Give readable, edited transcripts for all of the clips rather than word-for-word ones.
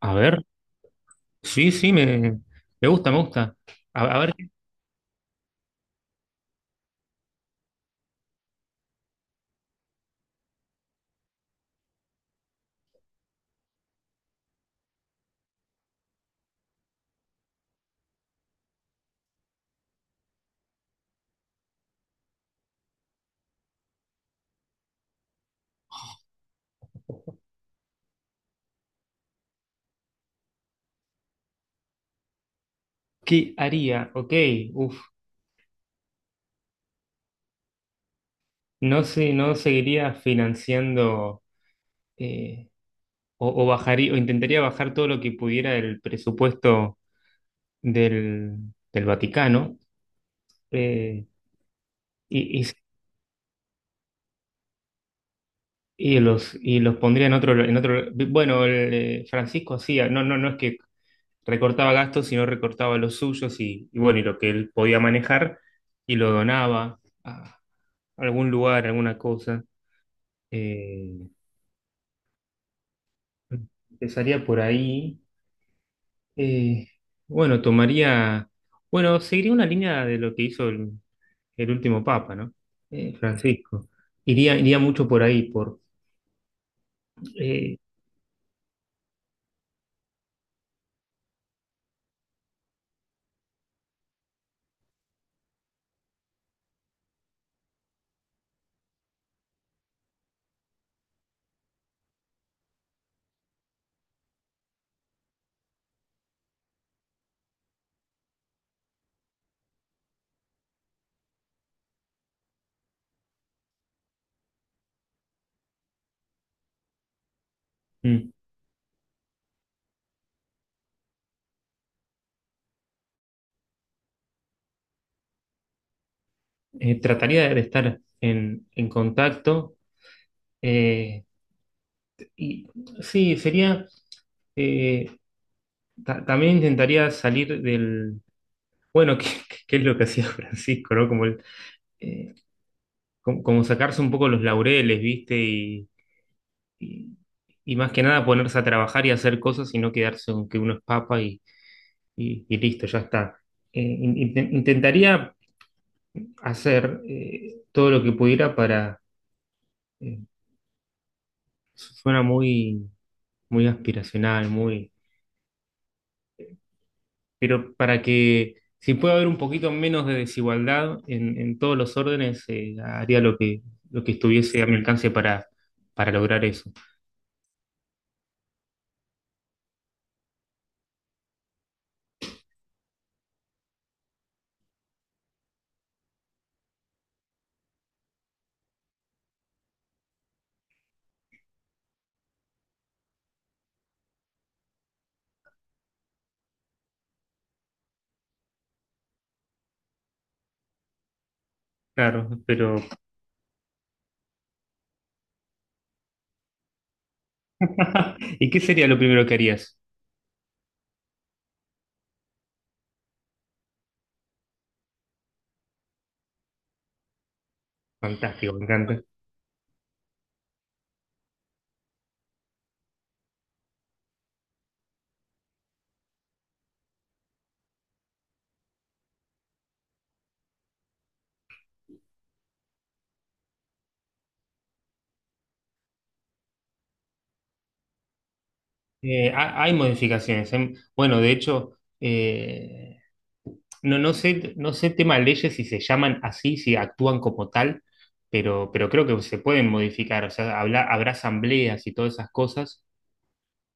A ver, sí, sí, me gusta, me gusta. A, a ver, ¿Qué haría? Ok, uf, no sé, no seguiría financiando eh, o bajaría, o intentaría bajar todo lo que pudiera del presupuesto del, del Vaticano, eh, y, y- y y los pondría en en otro, bueno, Francisco hacía, no, no, no es que recortaba gastos, sino recortaba los suyos y bueno, y lo que él podía manejar y lo donaba algún lugar, alguna cosa. eh, Empezaría por ahí. eh, bueno, bueno, seguiría una línea de lo que hizo el último papa, ¿no? Francisco. Iría mucho por ahí, eh, mm, trataría de estar en contacto. eh, y sí, sería, eh, también intentaría salir bueno, qué que es lo que hacía Francisco, ¿no? Eh, como sacarse un poco los laureles, ¿viste? Y- y más que nada ponerse a trabajar y hacer cosas y no quedarse con que uno es papa y listo, ya está. Intentaría hacer todo lo que pudiera para, eh, suena muy aspiracional, muy, pero para que si puede haber un poquito menos de desigualdad en todos los órdenes, haría lo que estuviese a mi alcance para lograr eso. Claro, pero ¿Y qué sería lo primero que harías? Fantástico, me encanta. Hay modificaciones. Em, bueno, de hecho, no, no sé, no sé tema de leyes si se llaman así, si actúan como tal, pero creo que se pueden modificar. O sea, habrá asambleas y todas esas cosas,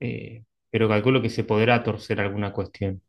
eh, pero calculo que se podrá torcer alguna cuestión.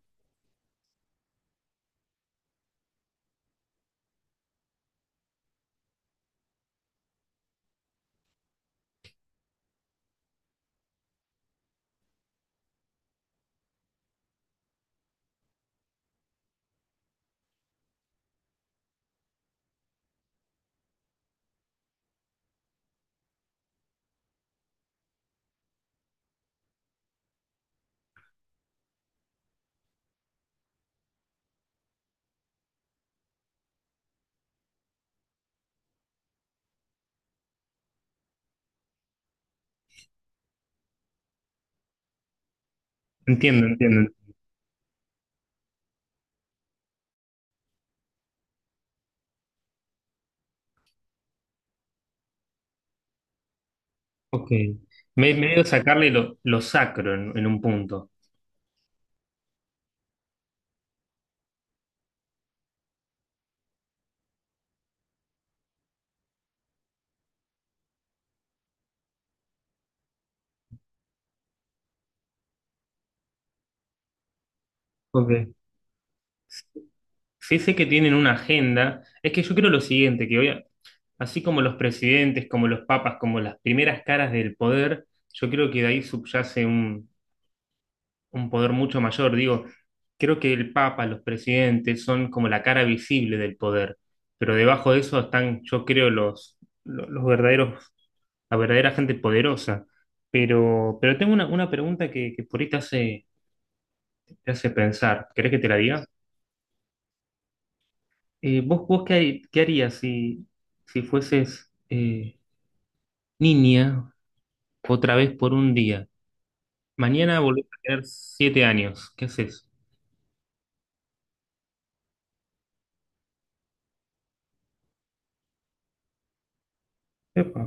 Entiendo, entiendo. Ok. Medio sacarle lo sacro en un punto. Ok. Sí sé que tienen una agenda. Es que yo creo lo siguiente, que hoy, así como los presidentes, como los papas, como las primeras caras del poder, yo creo que de ahí subyace un poder mucho mayor. Digo, creo que el papa, los presidentes son como la cara visible del poder, pero debajo de eso están, yo creo, los verdaderos, la verdadera gente poderosa. Pero tengo una pregunta que por ahí te hace pensar. ¿Querés que te la diga? Vos ¿qué harías si, si fueses niña otra vez por un día? Mañana volvés a tener 7 años. ¿Qué haces? Epa.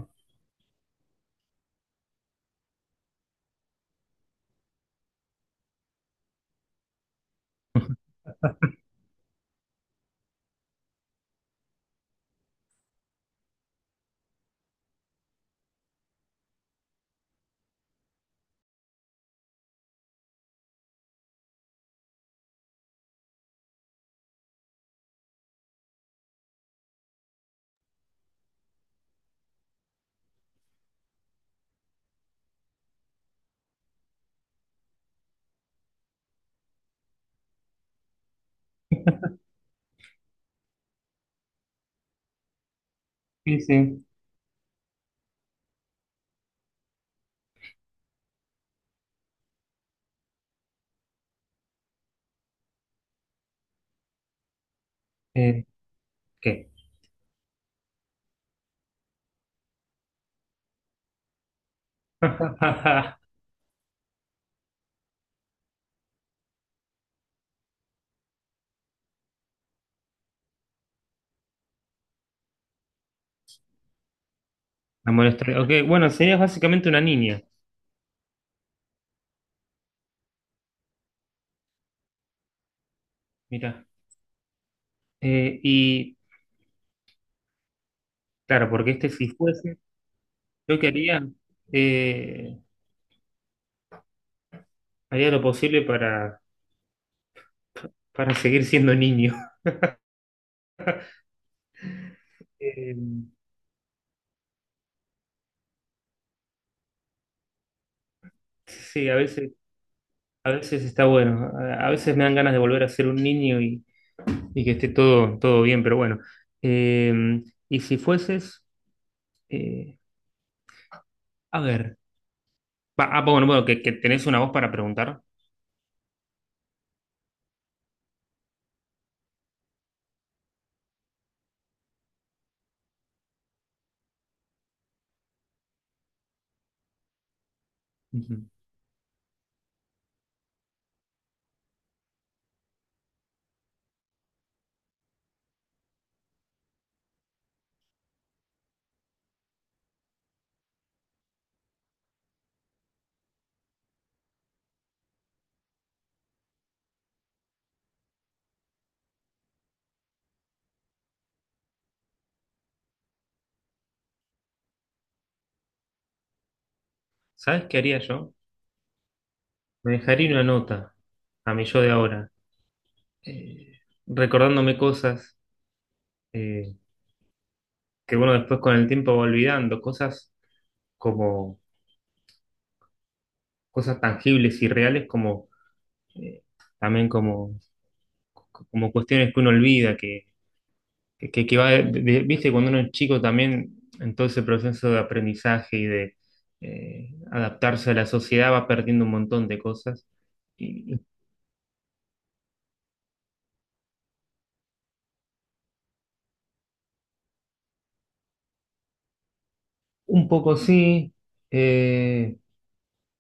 Sí, sí. Eh, ¿Qué? La molestaré. Ok, bueno, serías básicamente una niña. Mira. Y claro, porque este si fuese, yo que haría, eh, haría lo posible para seguir siendo niño. Eh, sí, a veces está bueno. A veces me dan ganas de volver a ser un niño y que esté todo, todo bien, pero bueno. Eh, y si fueses, eh, a ver. Va, ah, bueno, bueno, que tenés una voz para preguntar. Ujú. ¿Sabes qué haría yo? Me dejaría una nota a mi yo de ahora, eh, recordándome cosas eh, que uno después con el tiempo va olvidando, cosas como cosas tangibles y reales, como eh, también como, como cuestiones que uno olvida, que va, viste, cuando uno es chico también, en todo ese proceso de aprendizaje y de adaptarse a la sociedad, va perdiendo un montón de cosas. Un poco sí. Eh,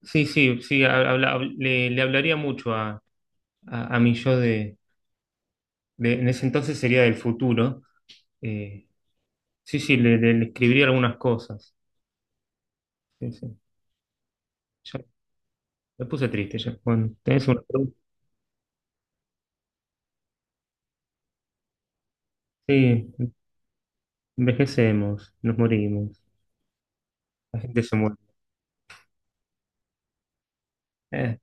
sí, sí, sí, le hablaría mucho a mi yo en ese entonces sería del futuro. Eh, sí, sí, le escribiría algunas cosas. Sí, sí. Ya me puse triste ya. Bueno, tenés una pregunta. Sí, envejecemos, nos morimos, la gente se muere. Eh,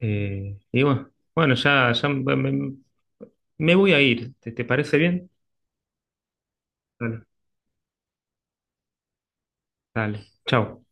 y bueno, bueno, ya me voy a ir. ¿Te, te parece bien? Dale, dale. Chao.